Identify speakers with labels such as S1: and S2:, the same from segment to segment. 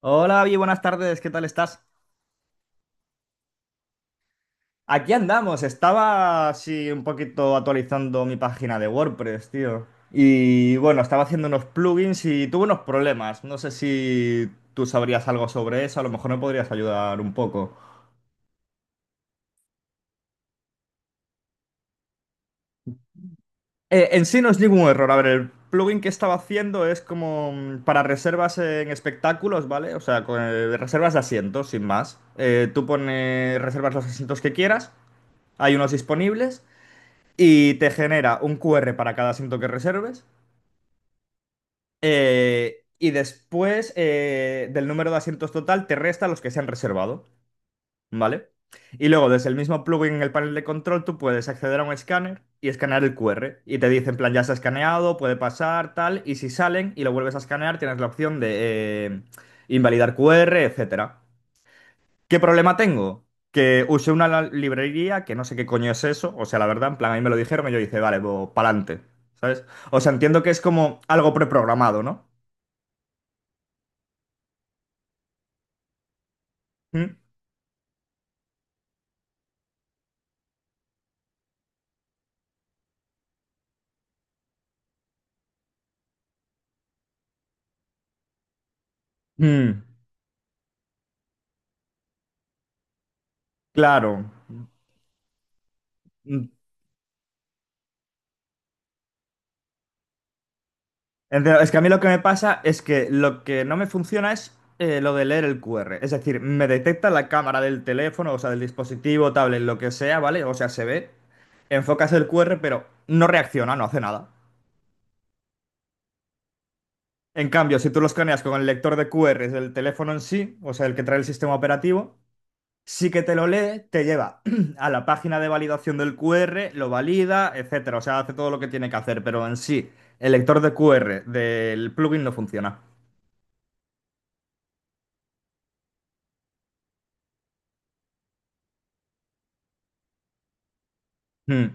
S1: Hola, Avi, buenas tardes, ¿qué tal estás? Aquí andamos, estaba así un poquito actualizando mi página de WordPress, tío. Y bueno, estaba haciendo unos plugins y tuve unos problemas. No sé si tú sabrías algo sobre eso, a lo mejor me podrías ayudar un poco. En sí no es ningún error. A ver, el plugin que estaba haciendo es como para reservas en espectáculos, ¿vale? O sea, con reservas de asientos, sin más. Tú pones, reservas los asientos que quieras, hay unos disponibles. Y te genera un QR para cada asiento que reserves. Y después del número de asientos total te resta los que se han reservado, ¿vale? Y luego desde el mismo plugin en el panel de control tú puedes acceder a un escáner y escanear el QR. Y te dice en plan, ya se ha escaneado, puede pasar, tal. Y si salen y lo vuelves a escanear, tienes la opción de eh, invalidar QR, etcétera. ¿Qué problema tengo? Que usé una librería que no sé qué coño es eso. O sea, la verdad, en plan, ahí me lo dijeron y yo dije, vale, pues pa'lante, ¿sabes? O sea, entiendo que es como algo preprogramado, ¿no? ¿Mm? Mm, claro. Mm. Entiendo. Es que a mí lo que me pasa es que lo que no me funciona es lo de leer el QR. Es decir, me detecta la cámara del teléfono, o sea, del dispositivo, tablet, lo que sea, ¿vale? O sea, se ve, enfocas el QR, pero no reacciona, no hace nada. En cambio, si tú lo escaneas con el lector de QR del teléfono en sí, o sea, el que trae el sistema operativo, sí que te lo lee, te lleva a la página de validación del QR, lo valida, etcétera. O sea, hace todo lo que tiene que hacer, pero en sí, el lector de QR del plugin no funciona. Hmm.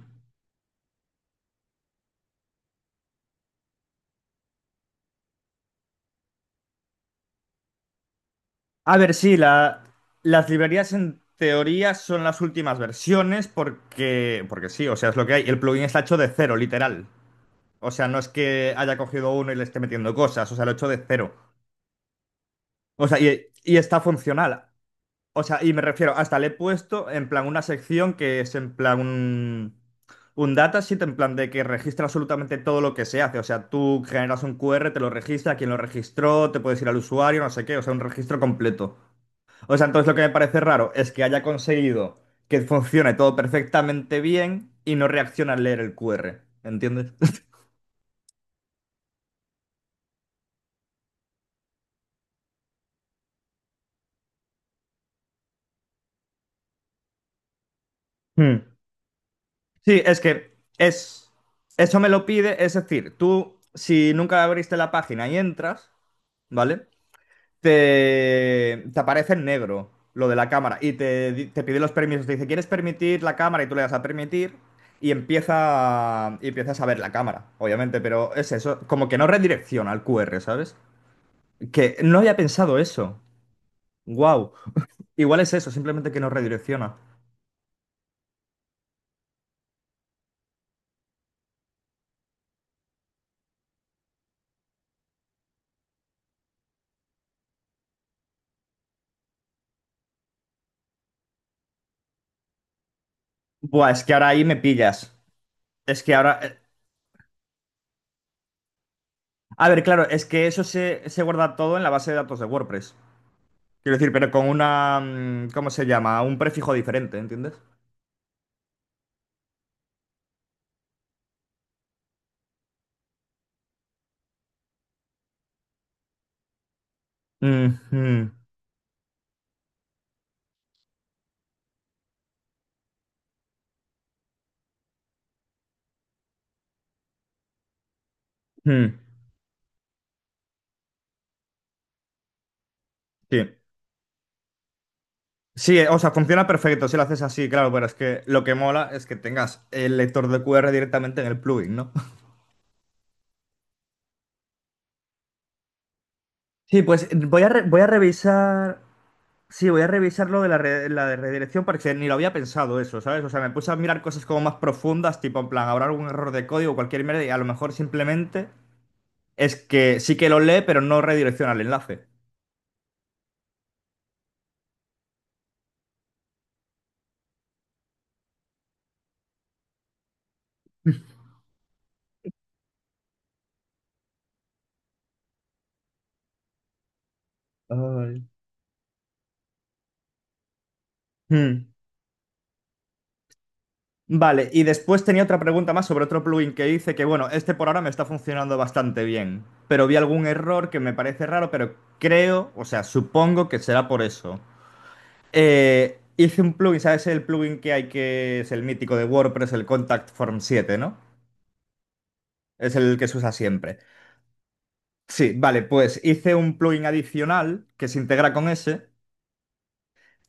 S1: A ver, sí, las librerías en teoría son las últimas versiones porque, porque sí, o sea, es lo que hay. El plugin está hecho de cero, literal. O sea, no es que haya cogido uno y le esté metiendo cosas, o sea, lo he hecho de cero. O sea, y está funcional. O sea, y me refiero, hasta le he puesto en plan una sección que es en plan un datasheet, en plan de que registra absolutamente todo lo que se hace. O sea, tú generas un QR, te lo registra, quién lo registró, te puedes ir al usuario, no sé qué, o sea, un registro completo. O sea, entonces lo que me parece raro es que haya conseguido que funcione todo perfectamente bien y no reacciona al leer el QR, ¿entiendes? Hmm. Sí, es, eso me lo pide, es decir, tú si nunca abriste la página y entras, ¿vale? Te aparece en negro lo de la cámara y te, te pide los permisos, te dice, ¿quieres permitir la cámara? Y tú le das a permitir y empiezas a ver la cámara, obviamente, pero es eso, como que no redirecciona al QR, ¿sabes? Que no había pensado eso. Wow. Igual es eso, simplemente que no redirecciona. Buah, es que ahora ahí me pillas. Es que ahora... a ver, claro, es que se guarda todo en la base de datos de WordPress. Quiero decir, pero con una, ¿cómo se llama? Un prefijo diferente, ¿entiendes? Mm, mm, mm, sí. Sí, o sea, funciona perfecto si lo haces así, claro, pero es que lo que mola es que tengas el lector de QR directamente en el plugin, ¿no? Sí, pues voy a revisar. Sí, voy a revisar lo de la, la de redirección porque ni lo había pensado eso, ¿sabes? O sea, me puse a mirar cosas como más profundas, tipo en plan, habrá algún error de código o cualquier mierda, y a lo mejor simplemente... Es que sí que lo lee, pero no redirecciona el enlace. Ay. Hmm. Vale, y después tenía otra pregunta más sobre otro plugin que hice que, bueno, este por ahora me está funcionando bastante bien, pero vi algún error que me parece raro, pero creo, o sea, supongo que será por eso. Hice un plugin, ¿sabes el plugin que hay que es el mítico de WordPress, el Contact Form 7, ¿no? Es el que se usa siempre. Sí, vale, pues hice un plugin adicional que se integra con ese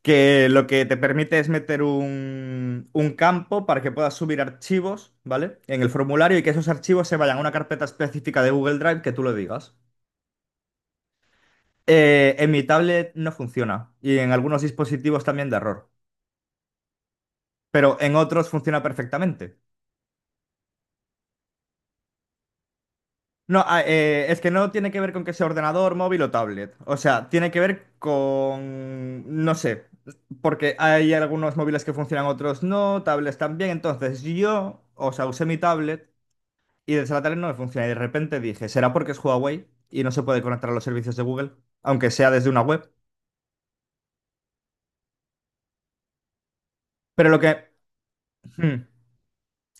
S1: que lo que te permite es meter un campo para que puedas subir archivos, ¿vale? En el formulario y que esos archivos se vayan a una carpeta específica de Google Drive que tú lo digas. En mi tablet no funciona y en algunos dispositivos también da error, pero en otros funciona perfectamente. No, es que no tiene que ver con que sea ordenador, móvil o tablet. O sea, tiene que ver con, no sé, porque hay algunos móviles que funcionan, otros no, tablets también. Entonces yo, o sea, usé mi tablet. Y el Sabatari no me funciona. Y de repente dije, ¿será porque es Huawei y no se puede conectar a los servicios de Google? Aunque sea desde una web. Pero lo que... hmm,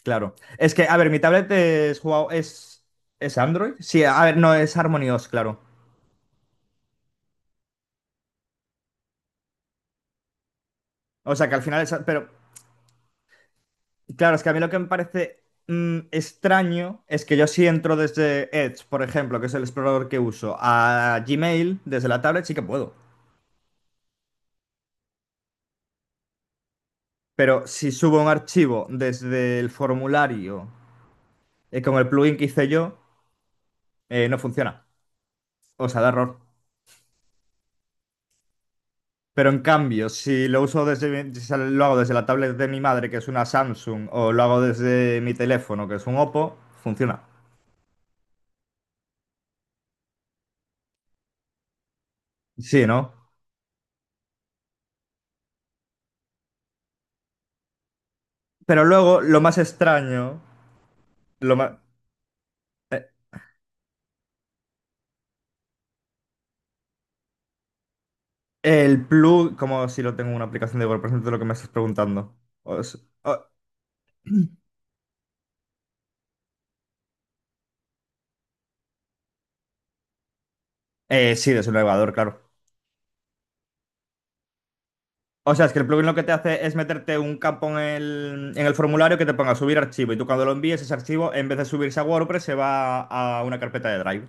S1: claro. Es que, a ver, mi tablet es Huawei... es Android? Sí, a ver, no, es Harmony OS, claro. O sea, que al final es... Pero, claro, es que a mí lo que me parece extraño es que yo si entro desde Edge, por ejemplo, que es el explorador que uso, a Gmail, desde la tablet sí que puedo. Pero si subo un archivo desde el formulario, con el plugin que hice yo... no funciona. O sea, da error. Pero en cambio, si lo hago desde la tablet de mi madre, que es una Samsung, o lo hago desde mi teléfono, que es un Oppo, funciona. Sí, ¿no? Pero luego, lo más extraño, lo ma- el plug, como si lo tengo en una aplicación de Google, de lo que me estás preguntando. O s- o- sí, desde un navegador, claro. O sea, es que el plugin lo que te hace es meterte un campo en en el formulario que te ponga subir archivo y tú cuando lo envíes ese archivo, en vez de subirse a WordPress, se va a una carpeta de Drive.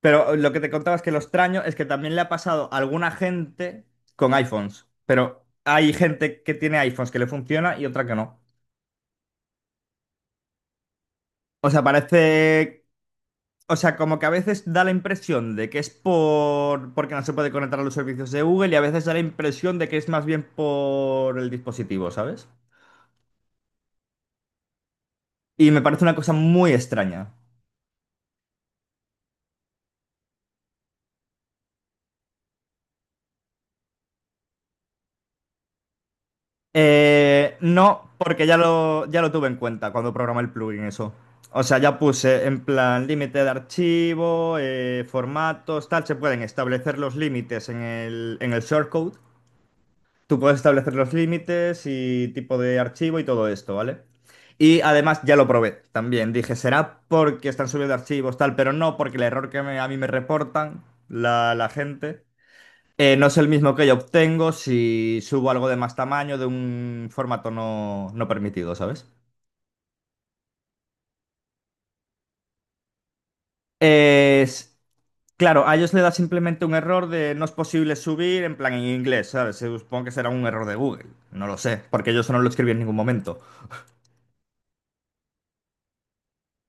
S1: Pero lo que te contaba es que lo extraño es que también le ha pasado a alguna gente con iPhones. Pero hay gente que tiene iPhones que le funciona y otra que no. O sea, parece. O sea, como que a veces da la impresión de que es por... porque no se puede conectar a los servicios de Google y a veces da la impresión de que es más bien por el dispositivo, ¿sabes? Y me parece una cosa muy extraña. No, porque ya lo tuve en cuenta cuando programé el plugin eso. O sea, ya puse en plan límite de archivo, formatos, tal. Se pueden establecer los límites en en el shortcode. Tú puedes establecer los límites y tipo de archivo y todo esto, ¿vale? Y además ya lo probé también. Dije, será porque están subiendo archivos, tal, pero no porque el error que a mí me reportan la gente no es el mismo que yo obtengo si subo algo de más tamaño de un formato no permitido, ¿sabes? Es- claro, a ellos le da simplemente un error de no es posible subir en plan en inglés, ¿sabes? Supongo que será un error de Google, no lo sé, porque yo eso no lo escribí en ningún momento.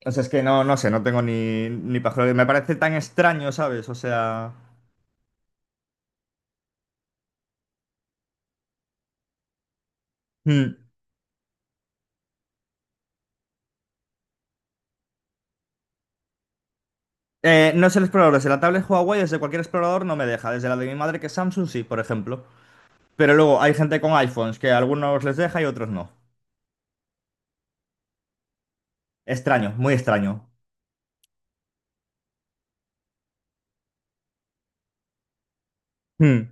S1: O sea, es que no, no sé, no tengo ni pajolera. Me parece tan extraño, ¿sabes? O sea... hmm. No es el explorador, desde la tablet Huawei, desde cualquier explorador no me deja, desde la de mi madre que es Samsung sí, por ejemplo. Pero luego hay gente con iPhones que a algunos les deja y otros no. Extraño, muy extraño. Mm,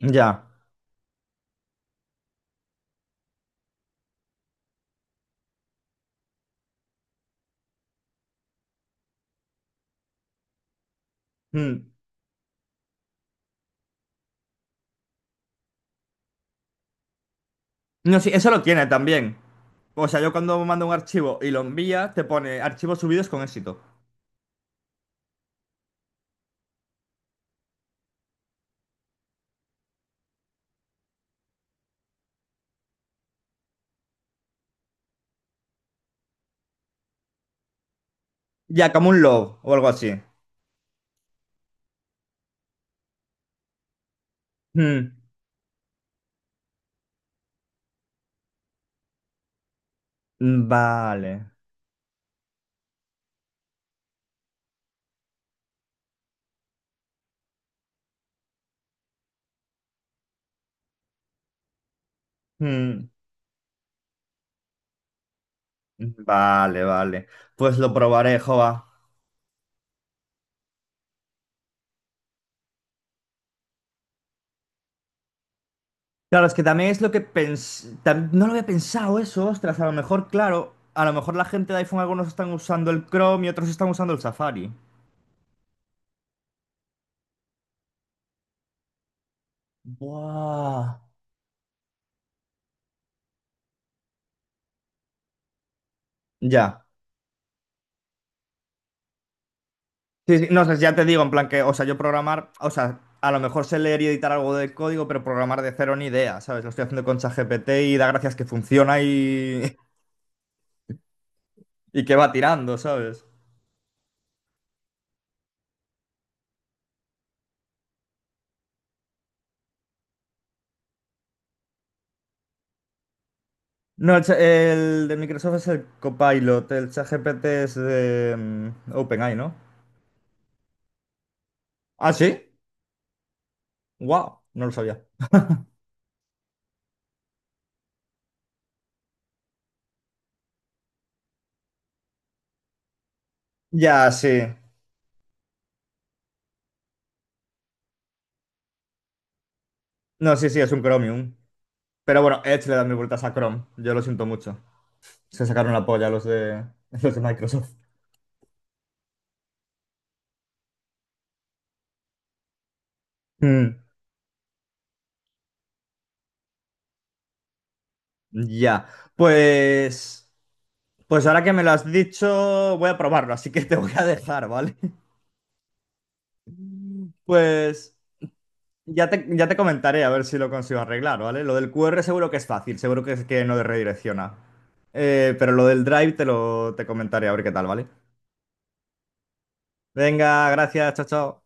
S1: ya. Mm. No, sí, eso lo tiene también. O sea, yo cuando mando un archivo y lo envía, te pone archivos subidos con éxito. Ya, como un log o algo así. Mm, vale. Mm. Vale, vale. Pues lo probaré, Jova. Claro, es que también es lo que pens... no lo había pensado eso, ostras. A lo mejor, claro, a lo mejor la gente de iPhone, algunos están usando el Chrome y otros están usando el Safari. Buah. Ya. Sí, sí, no, o sea, ya te digo, en plan que, o sea, yo programar, o sea, a lo mejor sé leer y editar algo de código, pero programar de cero ni idea, ¿sabes? Lo estoy haciendo con ChatGPT y da gracias que funciona y, y que va tirando, ¿sabes? No, el de Microsoft es el Copilot, el ChatGPT es de OpenAI, ¿no? Ah, sí, wow, no lo sabía. Ya, sí. No, sí, sí, es un Chromium. Pero bueno, Edge le da mil vueltas a Chrome, yo lo siento mucho. Se sacaron la polla los de, los de Microsoft. Mm. Ya, pues, pues ahora que me lo has dicho, voy a probarlo, así que te voy a dejar, ¿vale? Pues ya te comentaré a ver si lo consigo arreglar, ¿vale? Lo del QR seguro que es fácil, seguro que no redirecciona. Pero lo del Drive te comentaré a ver qué tal, ¿vale? Venga, gracias, chao, chao.